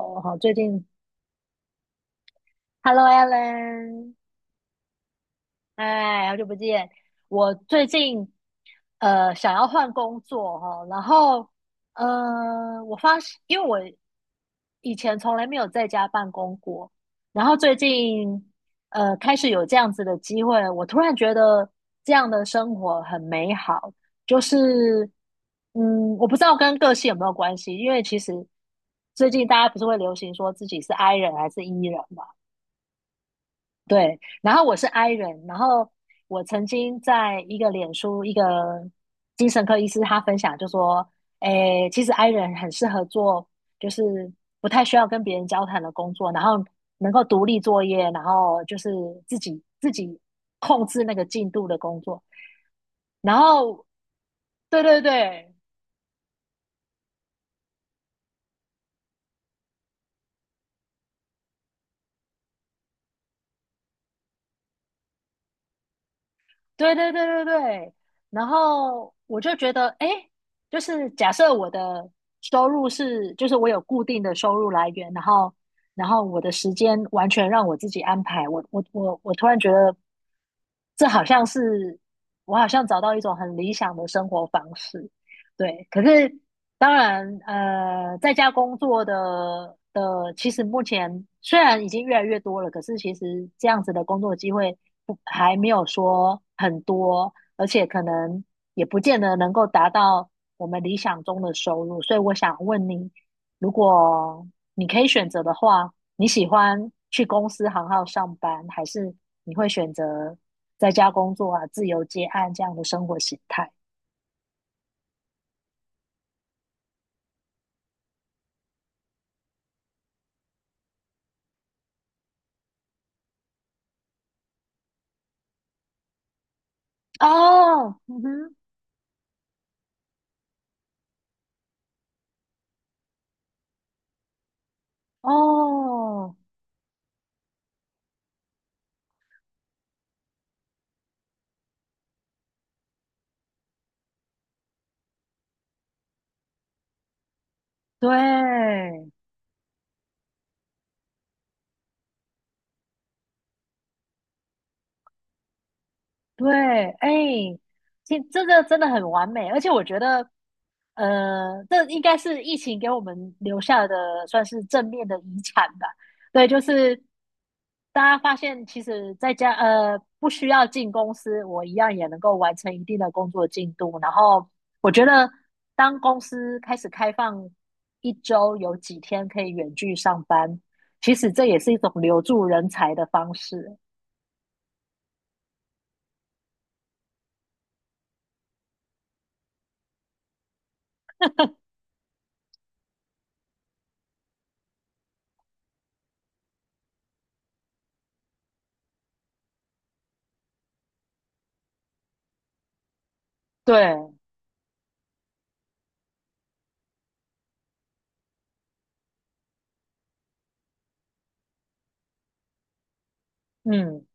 我好，最近，Hello Alan，哎，好久不见。我最近想要换工作哈、然后我发现，因为我以前从来没有在家办公过，然后最近开始有这样子的机会，我突然觉得这样的生活很美好。就是嗯，我不知道跟个性有没有关系，因为其实最近大家不是会流行说自己是 I 人还是 E 人嘛。对，然后我是 I 人，然后我曾经在一个脸书，一个精神科医师他分享就说，诶，其实 I 人很适合做就是不太需要跟别人交谈的工作，然后能够独立作业，然后就是自己控制那个进度的工作。然后，对对对，对对对对对，然后我就觉得，哎，就是假设我的收入是，就是我有固定的收入来源，然后，然后我的时间完全让我自己安排，我突然觉得，这好像是我好像找到一种很理想的生活方式，对。可是当然，在家工作的，其实目前虽然已经越来越多了，可是其实这样子的工作机会不还没有说很多，而且可能也不见得能够达到我们理想中的收入。所以我想问你，如果你可以选择的话，你喜欢去公司行号上班，还是你会选择在家工作啊、自由接案这样的生活形态？哦，嗯哼。哦，对对，哎，这个真的很完美，而且我觉得，这应该是疫情给我们留下的算是正面的遗产吧。对，就是大家发现，其实在家不需要进公司，我一样也能够完成一定的工作进度。然后我觉得，当公司开始开放一周有几天可以远距上班，其实这也是一种留住人才的方式。对嗯，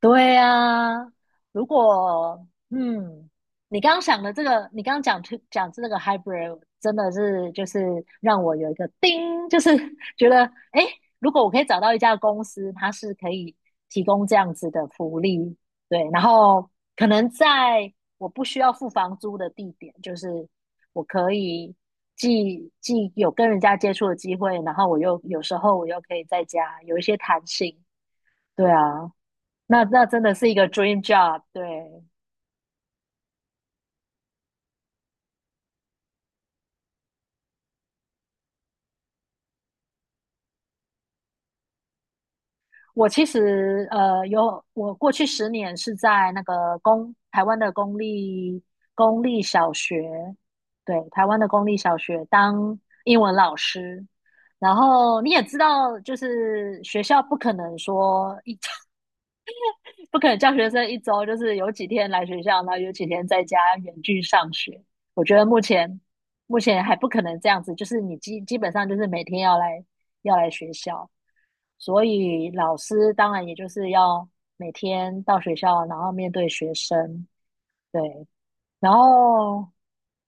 对呀、啊如果嗯，你刚刚想的这个，你刚刚讲这个 hybrid，真的是就是让我有一个叮，就是 觉得诶，如果我可以找到一家公司，它是可以提供这样子的福利，对，然后可能在我不需要付房租的地点，就是我可以既有跟人家接触的机会，然后有时候我又可以在家有一些弹性，对啊。那真的是一个 dream job。对，我其实有，我过去10年是在那个台湾的公立小学，对，台湾的公立小学当英文老师。然后你也知道，就是学校不可能说一 不可能教学生一周就是有几天来学校，然后有几天在家远距上学。我觉得目前还不可能这样子，就是你基本上就是每天要来学校，所以老师当然也就是要每天到学校，然后面对学生，对，然后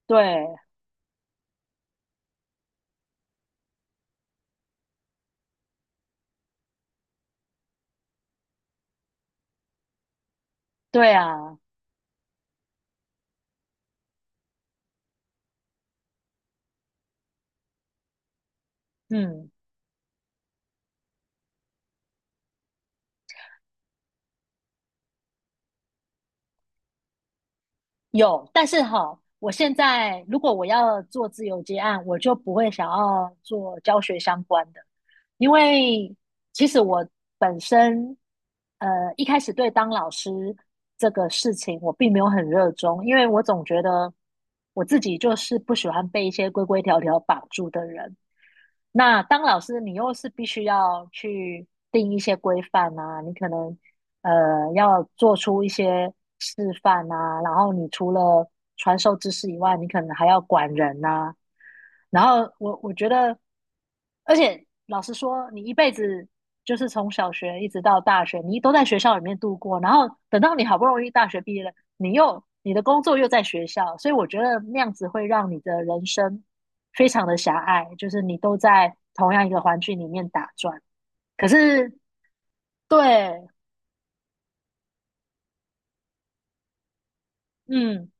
对对啊，嗯。有，但是哈，我现在如果我要做自由接案，我就不会想要做教学相关的，因为其实我本身一开始对当老师这个事情我并没有很热衷，因为我总觉得我自己就是不喜欢被一些规规条条绑住的人，那当老师，你又是必须要去定一些规范啊，你可能要做出一些示范啊，然后你除了传授知识以外，你可能还要管人呐、然后我觉得，而且老实说，你一辈子就是从小学一直到大学，你都在学校里面度过，然后等到你好不容易大学毕业了，你的工作又在学校，所以我觉得那样子会让你的人生非常的狭隘，就是你都在同样一个环境里面打转。可是，对，嗯，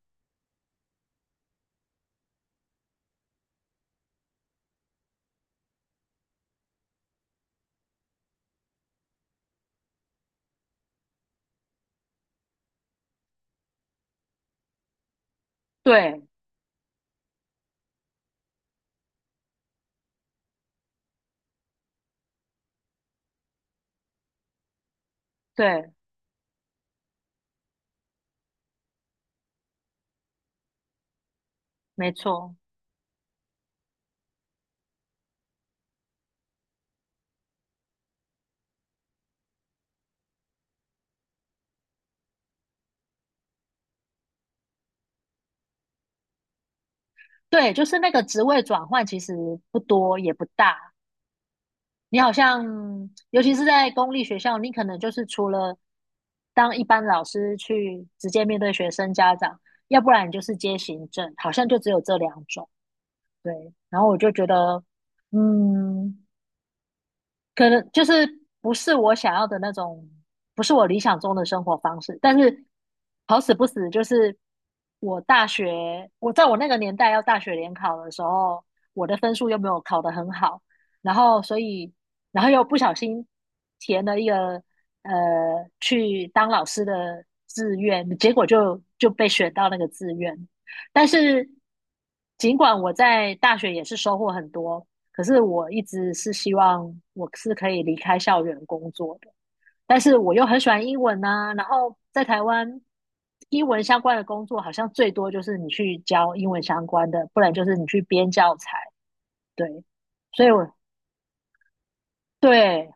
对，对，没错，对，就是那个职位转换其实不多也不大。你好像，尤其是在公立学校，你可能就是除了当一般老师去直接面对学生家长，要不然你就是接行政，好像就只有这两种。对，然后我就觉得，嗯，可能就是不是我想要的那种，不是我理想中的生活方式。但是好死不死，就是我大学，我在我那个年代要大学联考的时候，我的分数又没有考得很好，然后所以，然后又不小心填了一个呃去当老师的志愿，结果就被选到那个志愿。但是尽管我在大学也是收获很多。可是我一直是希望我是可以离开校园工作的，但是我又很喜欢英文呐、然后在台湾，英文相关的工作好像最多就是你去教英文相关的，不然就是你去编教材。对，所以我对，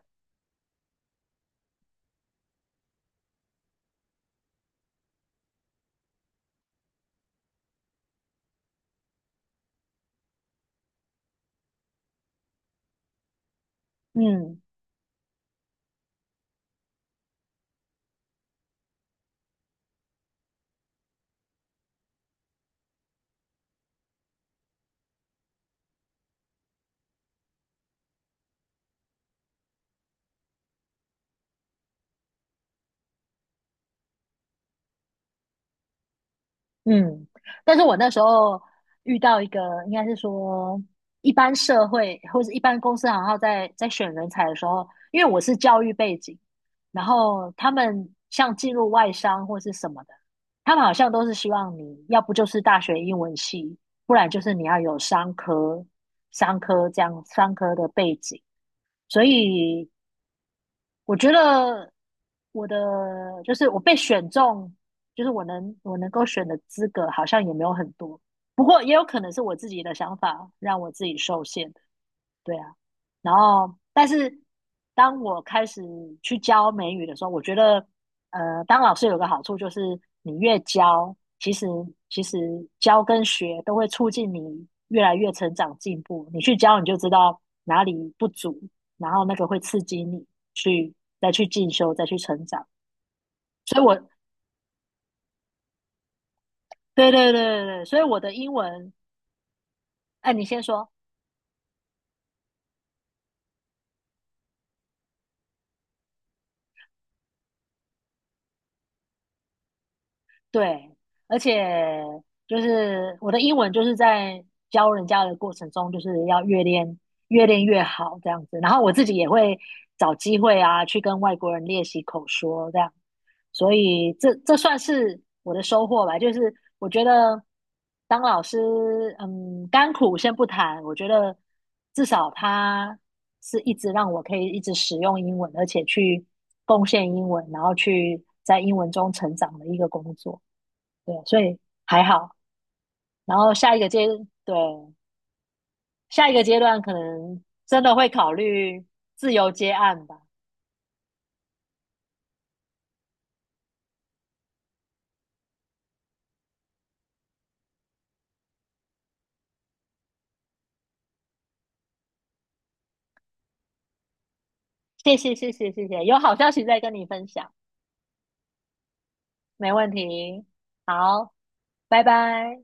嗯。嗯，但是我那时候遇到一个，应该是说一般社会或者一般公司行号在选人才的时候，因为我是教育背景，然后他们像进入外商或是什么的，他们好像都是希望你要不就是大学英文系，不然就是你要有商科、商科这样商科的背景，所以我觉得我的就是我被选中，就是我能够选的资格好像也没有很多，不过也有可能是我自己的想法让我自己受限。对啊，然后但是当我开始去教美语的时候，我觉得，当老师有个好处就是，你越教，其实教跟学都会促进你越来越成长进步。你去教，你就知道哪里不足，然后那个会刺激你去再去进修，再去成长。所以我，对对对对对，所以我的英文，哎，你先说。对，而且就是我的英文就是在教人家的过程中，就是要越练越好这样子。然后我自己也会找机会啊，去跟外国人练习口说这样。所以这算是我的收获吧。就是我觉得当老师，嗯，甘苦先不谈，我觉得至少他是一直让我可以一直使用英文，而且去贡献英文，然后去在英文中成长的一个工作。对，所以还好。然后下一个阶，对，下一个阶段可能真的会考虑自由接案吧。谢谢，谢谢，谢谢，有好消息再跟你分享，没问题。好，拜拜。